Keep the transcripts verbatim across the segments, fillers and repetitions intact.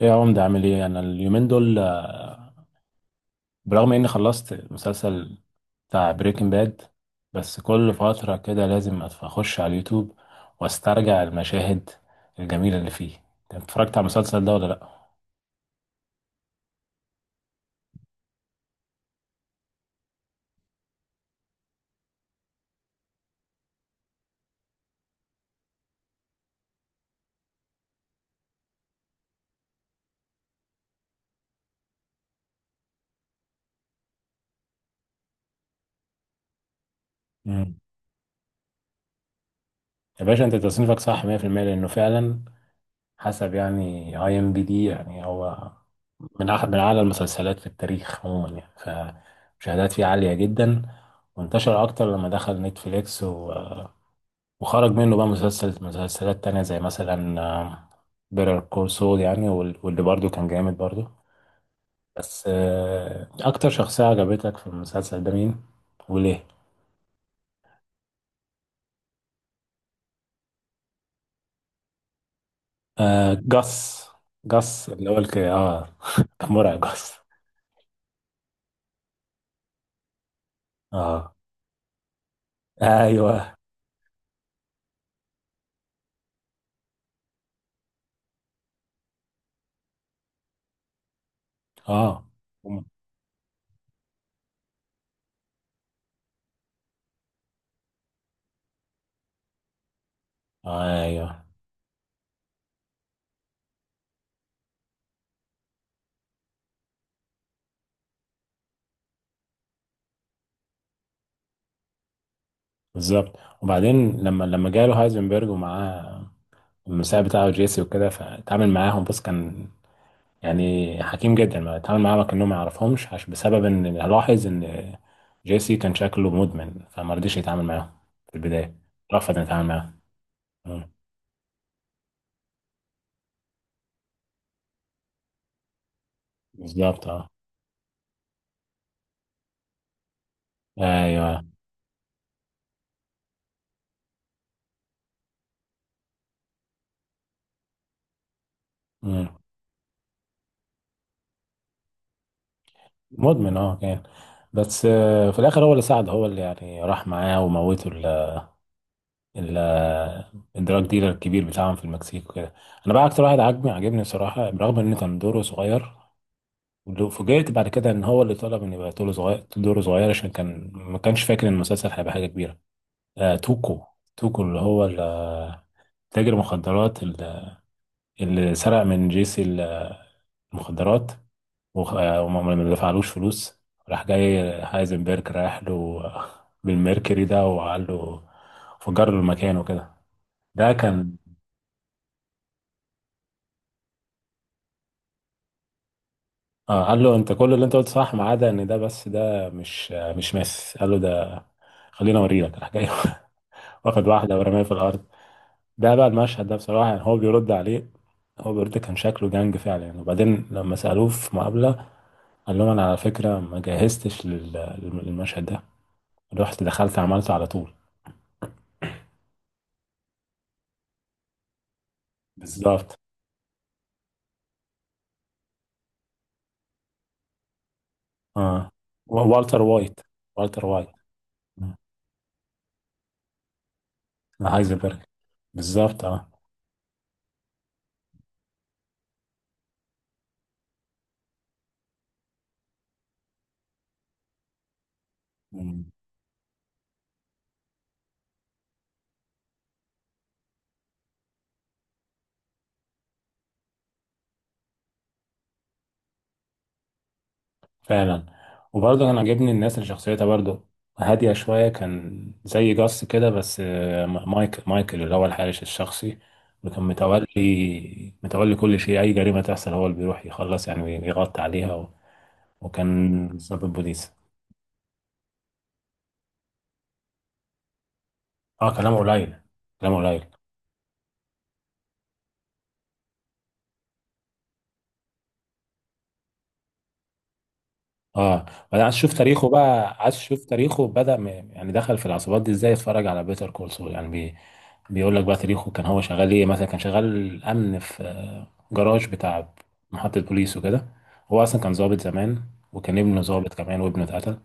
ايه يا عمدة عامل ايه؟ انا اليومين دول آه، برغم اني خلصت مسلسل بتاع بريكنج باد، بس كل فترة كده لازم أتف- اخش على اليوتيوب واسترجع المشاهد الجميلة اللي فيه. انت اتفرجت على المسلسل ده ولا لا؟ مم. يا باشا، انت تصنيفك صح مية في المية، لانه فعلا حسب يعني اي ام بي دي، يعني هو من أح من أعلى المسلسلات في التاريخ عموما يعني. فمشاهدات فيه عالية جدا، وانتشر أكتر لما دخل نتفليكس، وخرج منه بقى مسلسل مسلسلات تانية زي مثلا آه، بيتر كول سول يعني، وال- واللي برضه كان جامد برضه. بس آه، أكتر شخصية عجبتك في المسلسل ده مين؟ وليه؟ آه، جاس. جاس اللي هو الك... اه كان مرعب جاس. اه، ايوه، اه، ايوه، بالظبط. وبعدين لما لما جاله هايزنبرج ومعاه المساعد بتاعه جيسي وكده، فتعامل معاهم. بص، كان يعني حكيم جدا، ما اتعامل معاه كأنهم ما يعرفهمش، عشان بسبب ان لاحظ ان جيسي كان شكله مدمن، فما رضيش يتعامل معاه في البداية. رفض ان يتعامل معاه. مم. بالظبط، اه، ايوه. مم. مدمن، اه، كان. بس آه، في الاخر هو اللي ساعده، هو اللي يعني راح معاه وموته ال ال الدراج ديلر الكبير بتاعهم في المكسيك وكده. انا بقى اكتر واحد عجبني عجبني بصراحة، برغم ان كان دوره صغير. ولو فوجئت بعد كده ان هو اللي طلب ان يبقى دوره صغير دوره صغير، عشان كان ما كانش فاكر ان المسلسل هيبقى حاجه كبيره. آه، توكو. توكو اللي هو ال- آه، تاجر مخدرات ال- اللي سرق من جيسي ال- آه، المخدرات. وخ- آه، وما ما دفعلوش فلوس. راح جاي هايزنبرج رايح له، آه، بالميركوري ده، وقال له، فجر له المكان وكده. ده كان. اه، قال له: انت كل اللي انت قلته صح، ما عدا ان ده، بس ده مش آه، مش ماس. قال له: ده خلينا اوريلك، راح جاي واخد واحدة ورماها في الأرض. ده بقى المشهد ده بصراحة، يعني هو بيرد عليه، هو بيرد، كان شكله جنج فعلا يعني. وبعدين لما سألوه في مقابلة قال لهم: أنا على فكرة ما جهزتش لل- للمشهد ده، رحت دخلت عملته على طول. بالظبط، اه. و- والتر وايت. والتر وايت. آه. هايزنبرج. بالظبط، اه، فعلا. وبرضه انا عاجبني الناس اللي شخصيتها برضه هادية شوية، كان زي جاس كده. بس آه، مايكل. مايكل اللي هو الحارس الشخصي، اللي كان متولي متولي كل شيء، أي جريمة تحصل هو اللي بيروح يخلص يعني ويغطي عليها، و- وكان ضابط بوليس. اه، كلامه قليل. كلامه قليل. اه. انا عايز اشوف تاريخه بقى، عايز اشوف تاريخه، بدأ م... يعني دخل في العصابات دي ازاي. اتفرج على بيتر كول سول يعني، بي... بيقول لك بقى تاريخه، كان هو شغال ايه مثلا. كان شغال امن في آه، جراج بتاع محطة بوليس وكده. هو اصلا كان ضابط زمان، وكان ابنه ضابط كمان، وابنه اتقتل.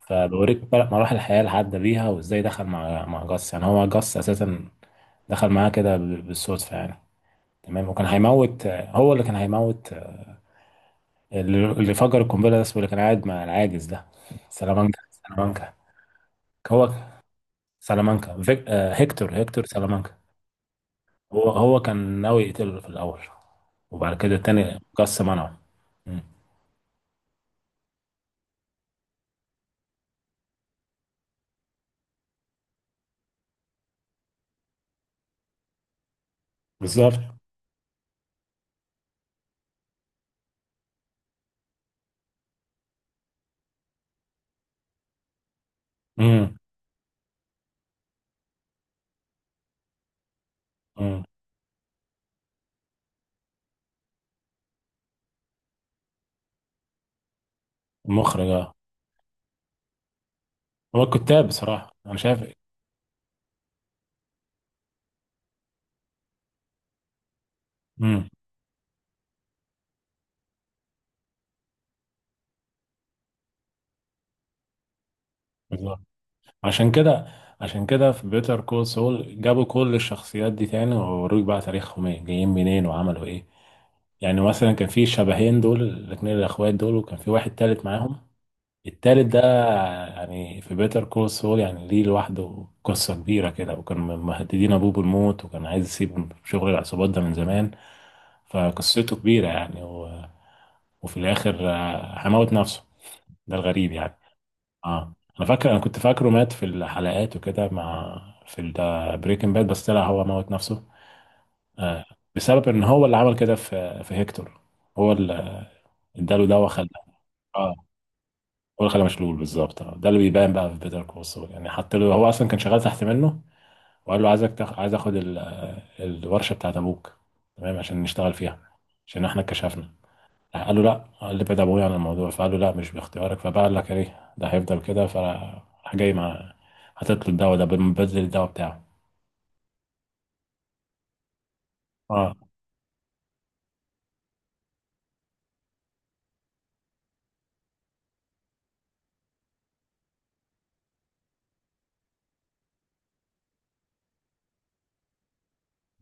فبوريك بقى مراحل الحياة اللي عدى بيها، وازاي دخل مع مع جاس. يعني هو جاس اساسا دخل معاه كده ب- بالصدفة يعني. تمام. وكان هيموت، هو اللي كان هيموت. اللي اللي فجر القنبله ده اسمه، اللي كان قاعد مع العاجز ده، سلامانكا، سلامانكا. هو سلامانكا فيك... آه هيكتور. هيكتور سلامانكا. هو هو كان ناوي يقتله في الاول، وبعد كده التاني قص منعه. مم. بالظبط. امم. المخرج، اه. هو الكتاب بصراحه انا شايف. امم. بالظبط. عشان كده، عشان كده في بيتر كول سول جابوا كل الشخصيات دي تاني، ووروك بقى تاريخهم ايه، جايين منين، وعملوا ايه. يعني مثلا كان في شبهين دول، الاتنين الاخوات دول، وكان في واحد تالت معاهم. التالت ده يعني في بيتر كول سول يعني ليه لوحده قصة كبيرة كده، وكان مهددين ابوه بالموت، وكان عايز يسيب شغل العصابات ده من زمان. فقصته كبيرة يعني. و... وفي الاخر آه، هموت نفسه. ده الغريب يعني. اه. انا فاكر، انا كنت فاكره مات في الحلقات وكده مع في بريكنج باد، بس طلع هو موت نفسه. آه، بسبب ان هو اللي عمل كده في في هيكتور. هو اللي اداله دواء خلاه. اه، هو اللي خلاه مشلول. بالظبط. آه. ده اللي بيبان بقى في بيتر كول سول، يعني حتى له هو اصلا كان شغال تحت منه. وقال له: عايزك تاخ... عايز اخد ال... آه، الورشه بتاعت ابوك، تمام، عشان نشتغل فيها، عشان احنا اتكشفنا. قالوا لا. قال: ابعد ابويا عن الموضوع. فقالوا: لا، مش باختيارك. فبقى قال لك ايه، ده هيفضل كده؟ فراح جاي مع، هتطلب الدواء ده بدل الدواء بتاعه. اه.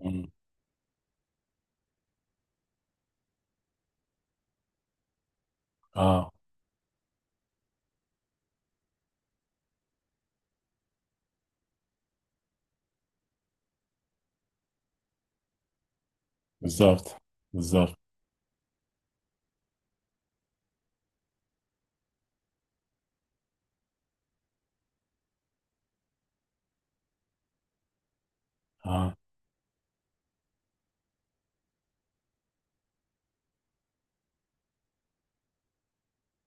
مم. اه. بالظبط. بالظبط، اه.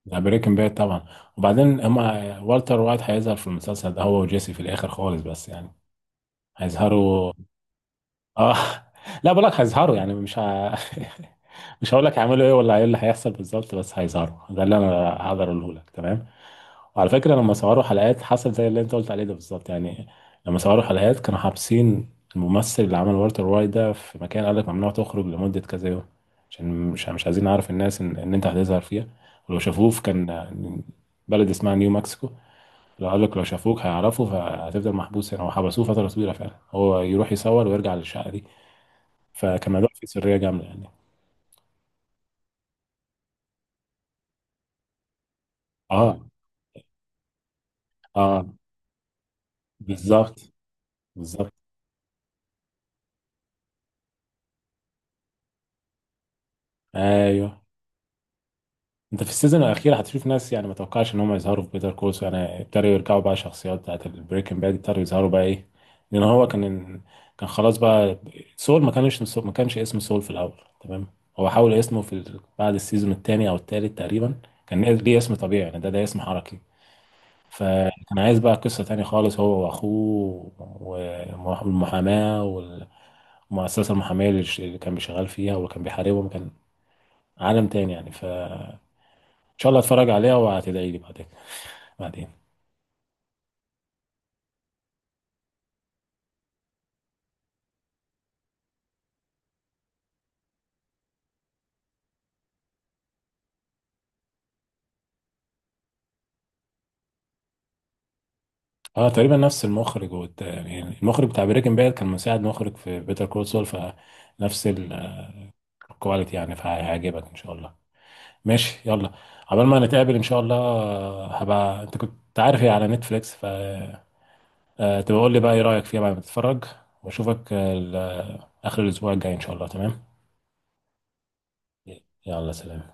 ده بريكنج باد طبعا. وبعدين هما والتر وايت هيظهر في المسلسل ده، هو وجيسي في الاخر خالص، بس يعني هيظهروا. اه. لا، بقول لك هيظهروا، يعني مش ه... مش هقول لك هيعملوا ايه ولا ايه اللي هيحصل بالظبط، بس هيظهروا، ده اللي انا هقدر اقوله لك. تمام. على فكرة، لما صوروا حلقات حصل زي اللي انت قلت عليه ده بالظبط، يعني لما صوروا حلقات كانوا حابسين الممثل اللي عمل والتر وايت ده في مكان. قال لك: ممنوع تخرج لمدة كذا يوم، عشان مش مش عايزين نعرف الناس ان, ان انت هتظهر فيها. ولو شافوه في كان بلد اسمها نيو مكسيكو. لو قال لك: لو شافوك هيعرفوا، فهتفضل محبوس هنا. وحبسوه فترة طويلة فعلا، هو يروح يصور ويرجع للشقة دي. فكان الموضوع فيه سرية جامدة يعني. اه، اه، بالظبط، بالظبط، ايوه. انت في السيزون الاخير هتشوف ناس يعني ما توقعش ان هم يظهروا في بيتر كول، يعني ابتدوا يرجعوا بقى الشخصيات بتاعت البريكنج باد، ابتدوا يظهروا بقى ايه، لان هو كان، كان خلاص بقى سول. ما كانش سول، ما كانش اسمه سول في الاول، تمام. هو حاول اسمه في ال- بعد السيزون الثاني او الثالث تقريبا. كان ليه اسم طبيعي يعني، ده ده اسم حركي. فكان عايز بقى قصة تانية خالص هو واخوه، والمحاماة والمؤسسة المحامية اللي ش- اللي كان بيشغل فيها وكان بيحاربهم، كان عالم تاني يعني. ف شاء الله اتفرج عليها وهتدعي لي بعدين بعدين. اه، تقريبا نفس المخرج وت... يعني المخرج بتاع بريكنج باد كان مساعد مخرج في بيتر كول سول، فنفس الكواليتي يعني، فهيعجبك ان شاء الله. ماشي، يلا. عقبال ما نتقابل ان شاء الله. آه، هبقى انت كنت عارف هي على نتفليكس. ف آه، تبقى قول لي بقى ايه رايك فيها بعد ما تتفرج. واشوفك آه، ال- آه، اخر الاسبوع الجاي ان شاء الله. تمام. يلا، سلام.